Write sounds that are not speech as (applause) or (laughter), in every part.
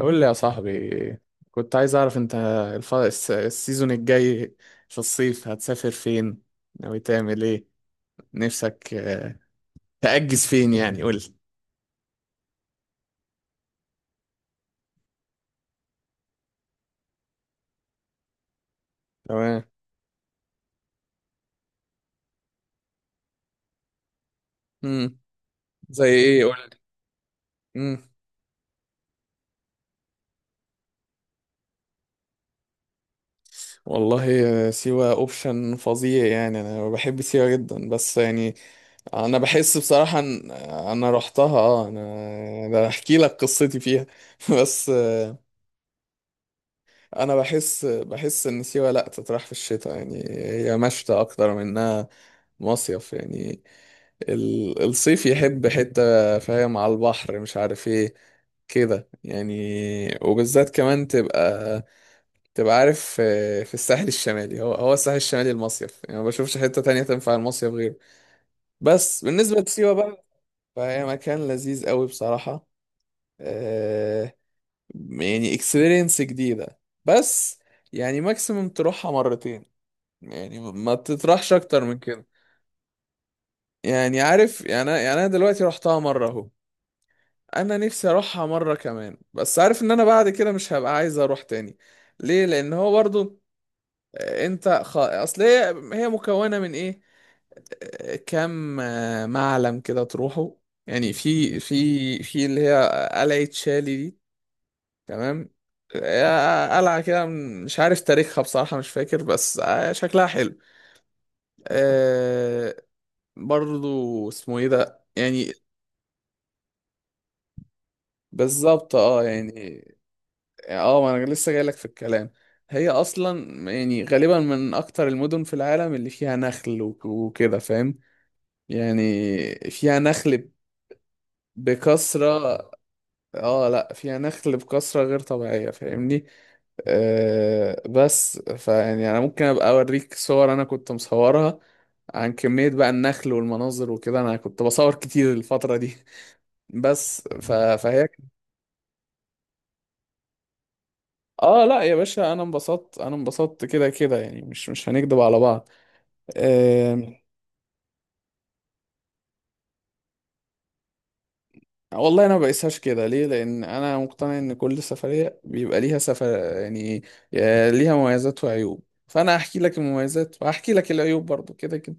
قول لي يا صاحبي. كنت عايز اعرف انت السيزون الجاي في الصيف هتسافر فين، ناوي تعمل ايه، نفسك تأجز فين يعني، قول لي. تمام. امم زي ايه؟ قول لي. امم والله، سيوة اوبشن فظيع يعني. انا بحب سيوة جدا، بس يعني انا بحس بصراحة ان انا رحتها. اه انا ده احكي لك قصتي فيها (laughs) بس انا بحس ان سيوة لا تطرح في الشتاء، يعني هي مشتى اكتر من انها مصيف يعني. الصيف يحب حتة، فاهم، على البحر، مش عارف ايه كده يعني. وبالذات كمان تبقى عارف، في الساحل الشمالي، هو الساحل الشمالي المصيف يعني، ما بشوفش حتة تانية تنفع المصيف غيره. بس بالنسبة لسيوة بقى، فهي مكان لذيذ قوي بصراحة. آه، يعني اكسبيرينس جديدة، بس يعني ماكسيموم تروحها مرتين، يعني ما تطرحش اكتر من كده. يعني عارف، يعني انا، يعني انا دلوقتي رحتها مرة اهو، انا نفسي اروحها مرة كمان، بس عارف ان انا بعد كده مش هبقى عايز اروح تاني. ليه؟ لان هو برضو، انت اصل هي مكونة من ايه؟ كم معلم كده تروحه، يعني في، في اللي هي قلعة شالي دي. تمام. قلعة كده، مش عارف تاريخها بصراحة، مش فاكر، بس شكلها حلو. آه، برضو اسمه ايه ده يعني. بالظبط اه يعني. اه ما انا لسه جايلك في الكلام. هي اصلا يعني غالبا من اكتر المدن في العالم اللي فيها نخل، وكده فاهم يعني، فيها نخل بكثرة. اه لا فيها نخل بكثرة غير طبيعية، فاهمني. بس فيعني انا ممكن ابقى اوريك صور انا كنت مصورها عن كمية بقى النخل والمناظر وكده، انا كنت بصور كتير الفترة دي (laughs) فهي، اه لا يا باشا انا انبسطت، انا انبسطت كده كده، يعني مش، مش هنكدب على بعض. آه... والله انا ما بقيسهاش كده. ليه؟ لان انا مقتنع ان كل سفرية بيبقى ليها سفر يعني، ليها مميزات وعيوب، فانا هحكي لك المميزات وهحكي لك العيوب برضو كده كده.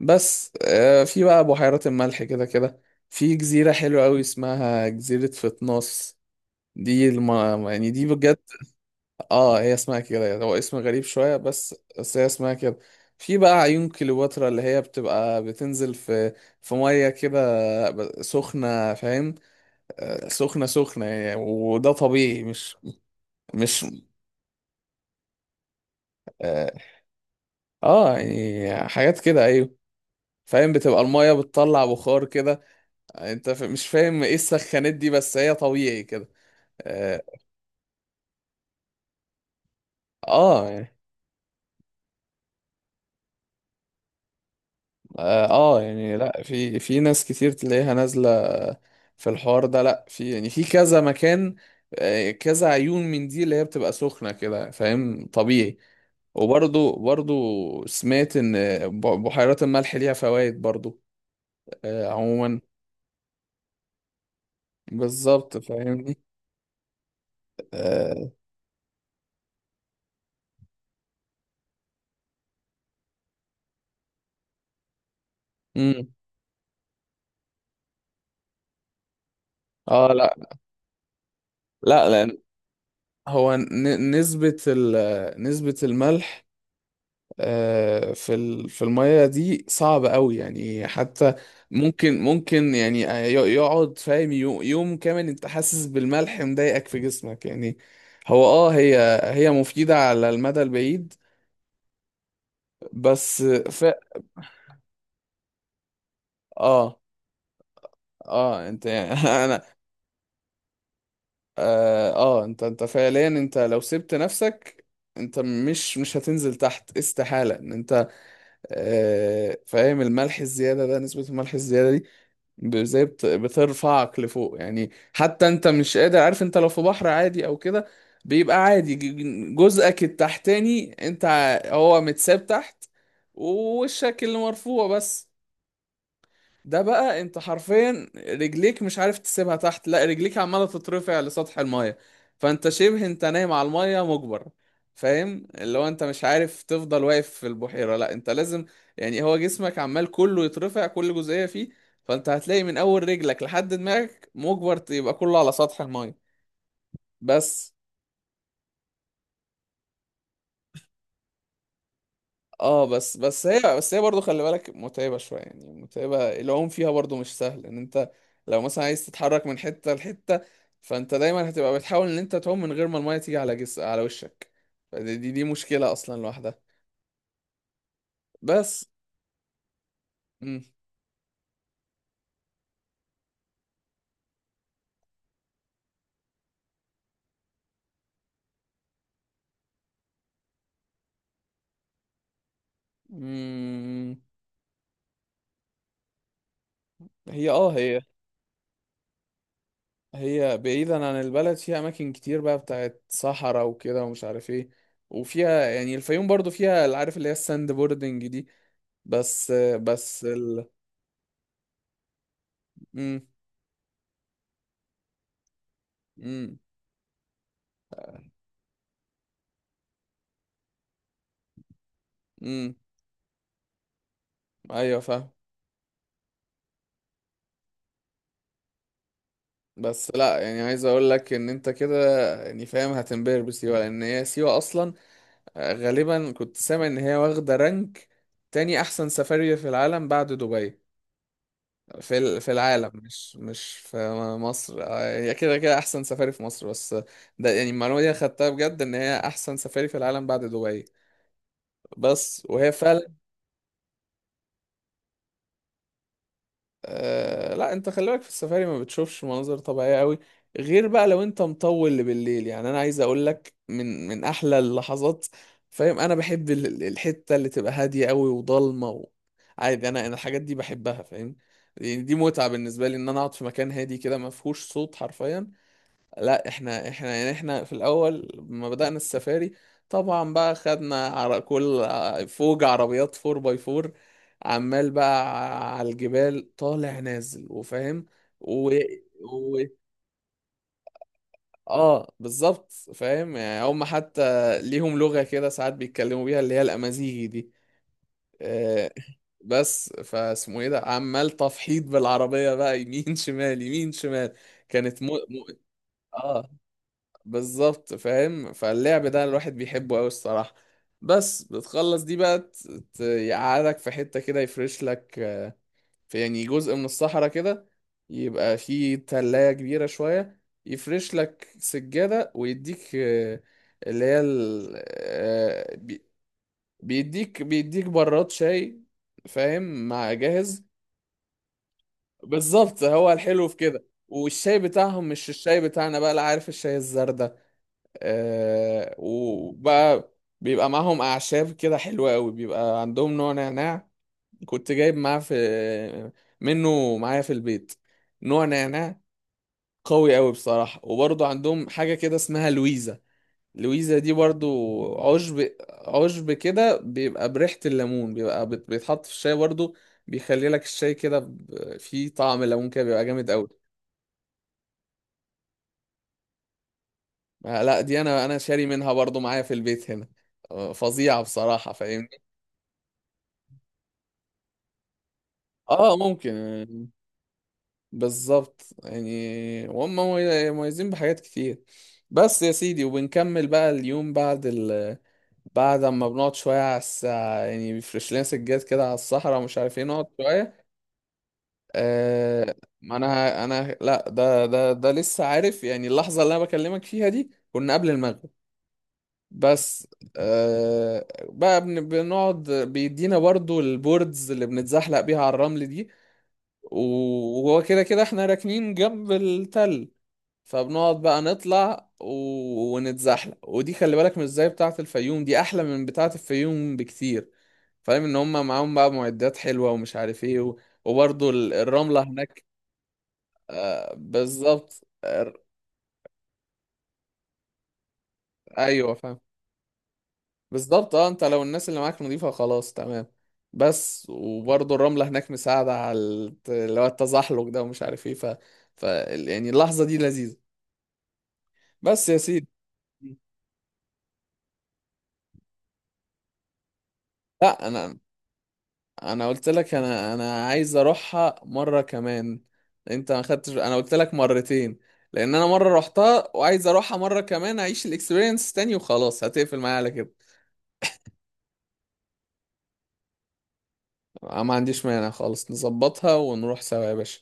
بس في بقى بحيرات الملح كده كده، في جزيرة حلوة قوي اسمها جزيرة فتناس. دي الم... يعني دي بجد، اه هي اسمها كده يعني، هو اسم غريب شوية، بس هي اسمها كده. في بقى عيون كليوباترا، اللي هي بتبقى بتنزل في، في مية كده، سخنة، فاهم؟ سخنة يعني، وده طبيعي، مش اه يعني حاجات كده، ايوه فاهم، بتبقى المية بتطلع بخار كده. انت مش فاهم ايه السخانات دي، بس هي طبيعي كده. اه يعني اه يعني لا في، في ناس كتير تلاقيها نازلة في الحوار ده، لا في يعني في كذا مكان، كذا عيون من دي اللي هي بتبقى سخنة كده، فاهم، طبيعي. وبرضو سمعت ان بحيرات الملح ليها فوائد برضو. عموما بالظبط فاهمني. اه. مم. لا، لا لان هو نسبة نسبة الملح في في المية دي صعب قوي يعني حتى. ممكن يعني يقعد فاهم يوم كامل انت حاسس بالملح مضايقك في جسمك يعني. هو اه هي مفيدة على المدى البعيد، بس ف... اه اه انت يعني (laughs) انا اه، انت، انت فعليا انت لو سبت نفسك انت مش هتنزل تحت، استحالة ان انت، فاهم، الملح الزيادة ده، نسبة الملح الزيادة دي زي بترفعك لفوق يعني، حتى انت مش قادر، عارف، انت لو في بحر عادي او كده بيبقى عادي جزءك التحتاني انت هو متساب تحت ووشك اللي مرفوع بس. ده بقى انت حرفيا رجليك مش عارف تسيبها تحت، لا رجليك عماله تترفع لسطح المايه. فانت شبه انت نايم على المايه مجبر، فاهم، اللي هو انت مش عارف تفضل واقف في البحيره، لا انت لازم يعني، هو جسمك عمال كله يترفع كل جزئيه فيه. فانت هتلاقي من اول رجلك لحد دماغك مجبر يبقى كله على سطح المايه. بس اه، بس بس هي بس هي برضه خلي بالك متعبة شوية، يعني متعبة، العوم فيها برضه مش سهل ان انت لو مثلا عايز تتحرك من حتة لحتة. فانت دايما هتبقى بتحاول ان انت تعوم من غير ما المية تيجي على على وشك. فدي دي, دي مشكلة اصلا لوحدها. بس. مم. مم. هي اه هي، هي بعيدا عن البلد فيها اماكن كتير بقى بتاعت صحراء وكده ومش عارف ايه. وفيها يعني الفيوم برضه فيها اللي عارف اللي هي الساند بوردنج دي. بس بس ال... مم. مم. امم ايوه فاهم. بس لا يعني عايز اقول لك ان انت كده يعني فاهم هتنبهر بسيوه، لان هي سيوه اصلا غالبا كنت سامع ان هي واخده رانك تاني احسن سفاري في العالم بعد دبي، في في العالم، مش مش في مصر. هي كده كده احسن سفاري في مصر، بس ده يعني المعلومه دي أنا خدتها بجد ان هي احسن سفاري في العالم بعد دبي. بس وهي فعلا، لا انت خلي بالك في السفاري ما بتشوفش مناظر طبيعية قوي، غير بقى لو انت مطول بالليل. يعني انا عايز اقول لك من، من احلى اللحظات، فاهم، انا بحب الحتة اللي تبقى هادية قوي وضلمة و... عادي، انا انا الحاجات دي بحبها فاهم، يعني دي متعة بالنسبة لي ان انا اقعد في مكان هادي كده ما فيهوش صوت حرفيا. لا احنا يعني، احنا في الاول لما بدأنا السفاري، طبعا بقى خدنا على كل فوج عربيات 4 باي 4، عمال بقى على الجبال طالع نازل وفاهم و... و... اه بالظبط فاهم، يعني هم حتى ليهم لغة كده ساعات بيتكلموا بيها اللي هي الأمازيغي دي. آه بس فاسمه ايه ده، عمال تفحيط بالعربية بقى يمين شمال يمين شمال. كانت م... م... آه. بالظبط فاهم، فاللعب ده الواحد بيحبه قوي الصراحة. بس بتخلص دي بقى يقعدك في حتة كده، يفرش لك في يعني جزء من الصحراء كده، يبقى فيه تلاية كبيرة شوية. يفرش لك سجادة ويديك اللي هي بيديك براد شاي فاهم، مع جاهز. بالظبط، هو الحلو في كده. والشاي بتاعهم مش الشاي بتاعنا بقى، لا، عارف الشاي الزردة، وبقى بيبقى معاهم أعشاب كده حلوة أوي، بيبقى عندهم نوع نعناع كنت جايب معاه، في منه معايا في البيت. نوع نعناع قوي أوي بصراحة. وبرضه عندهم حاجة كده اسمها لويزا. لويزا دي برضو عشب، كده بيبقى بريحة الليمون، بيبقى بيتحط في الشاي برضو، بيخلي لك الشاي كده فيه طعم ليمون كده، بيبقى جامد أوي. لا دي أنا، أنا شاري منها برضو معايا في البيت هنا. فظيعة بصراحة فاهمني. اه ممكن يعني. بالظبط يعني، وهم مميزين بحاجات كتير. بس يا سيدي، وبنكمل بقى اليوم بعد ال، بعد اما بنقعد شوية على الساعة يعني، بيفرش لنا سجاد كده على الصحراء ومش عارف ايه، نقعد شوية. آه ما انا، انا لا ده لسه عارف يعني، اللحظة اللي انا بكلمك فيها دي كنا قبل المغرب. بس بقى بنقعد بيدينا برضو البوردز اللي بنتزحلق بيها على الرمل دي، وهو كده كده احنا راكنين جنب التل. فبنقعد بقى نطلع و... ونتزحلق. ودي خلي بالك مش زي بتاعة الفيوم، دي احلى من بتاعة الفيوم بكتير، فاهم، ان هم معاهم بقى معدات حلوة ومش عارف ايه و... وبرضو الرملة هناك. بالظبط ايوه فاهم. بالظبط اه، انت لو الناس اللي معاك نضيفة خلاص تمام. بس وبرضو الرملة هناك مساعدة على اللي هو التزحلق ده ومش عارف ايه، ف... ف يعني اللحظة دي لذيذة. بس يا سيدي. لا انا، قلت لك انا، عايز اروحها مره كمان، انت ما خدتش، انا قلت لك مرتين، لان انا مره رحتها وعايز اروحها مره كمان اعيش الاكسبيرينس تاني وخلاص، هتقفل معايا على كده. ما عنديش مانع خالص، نظبطها ونروح سوا يا باشا.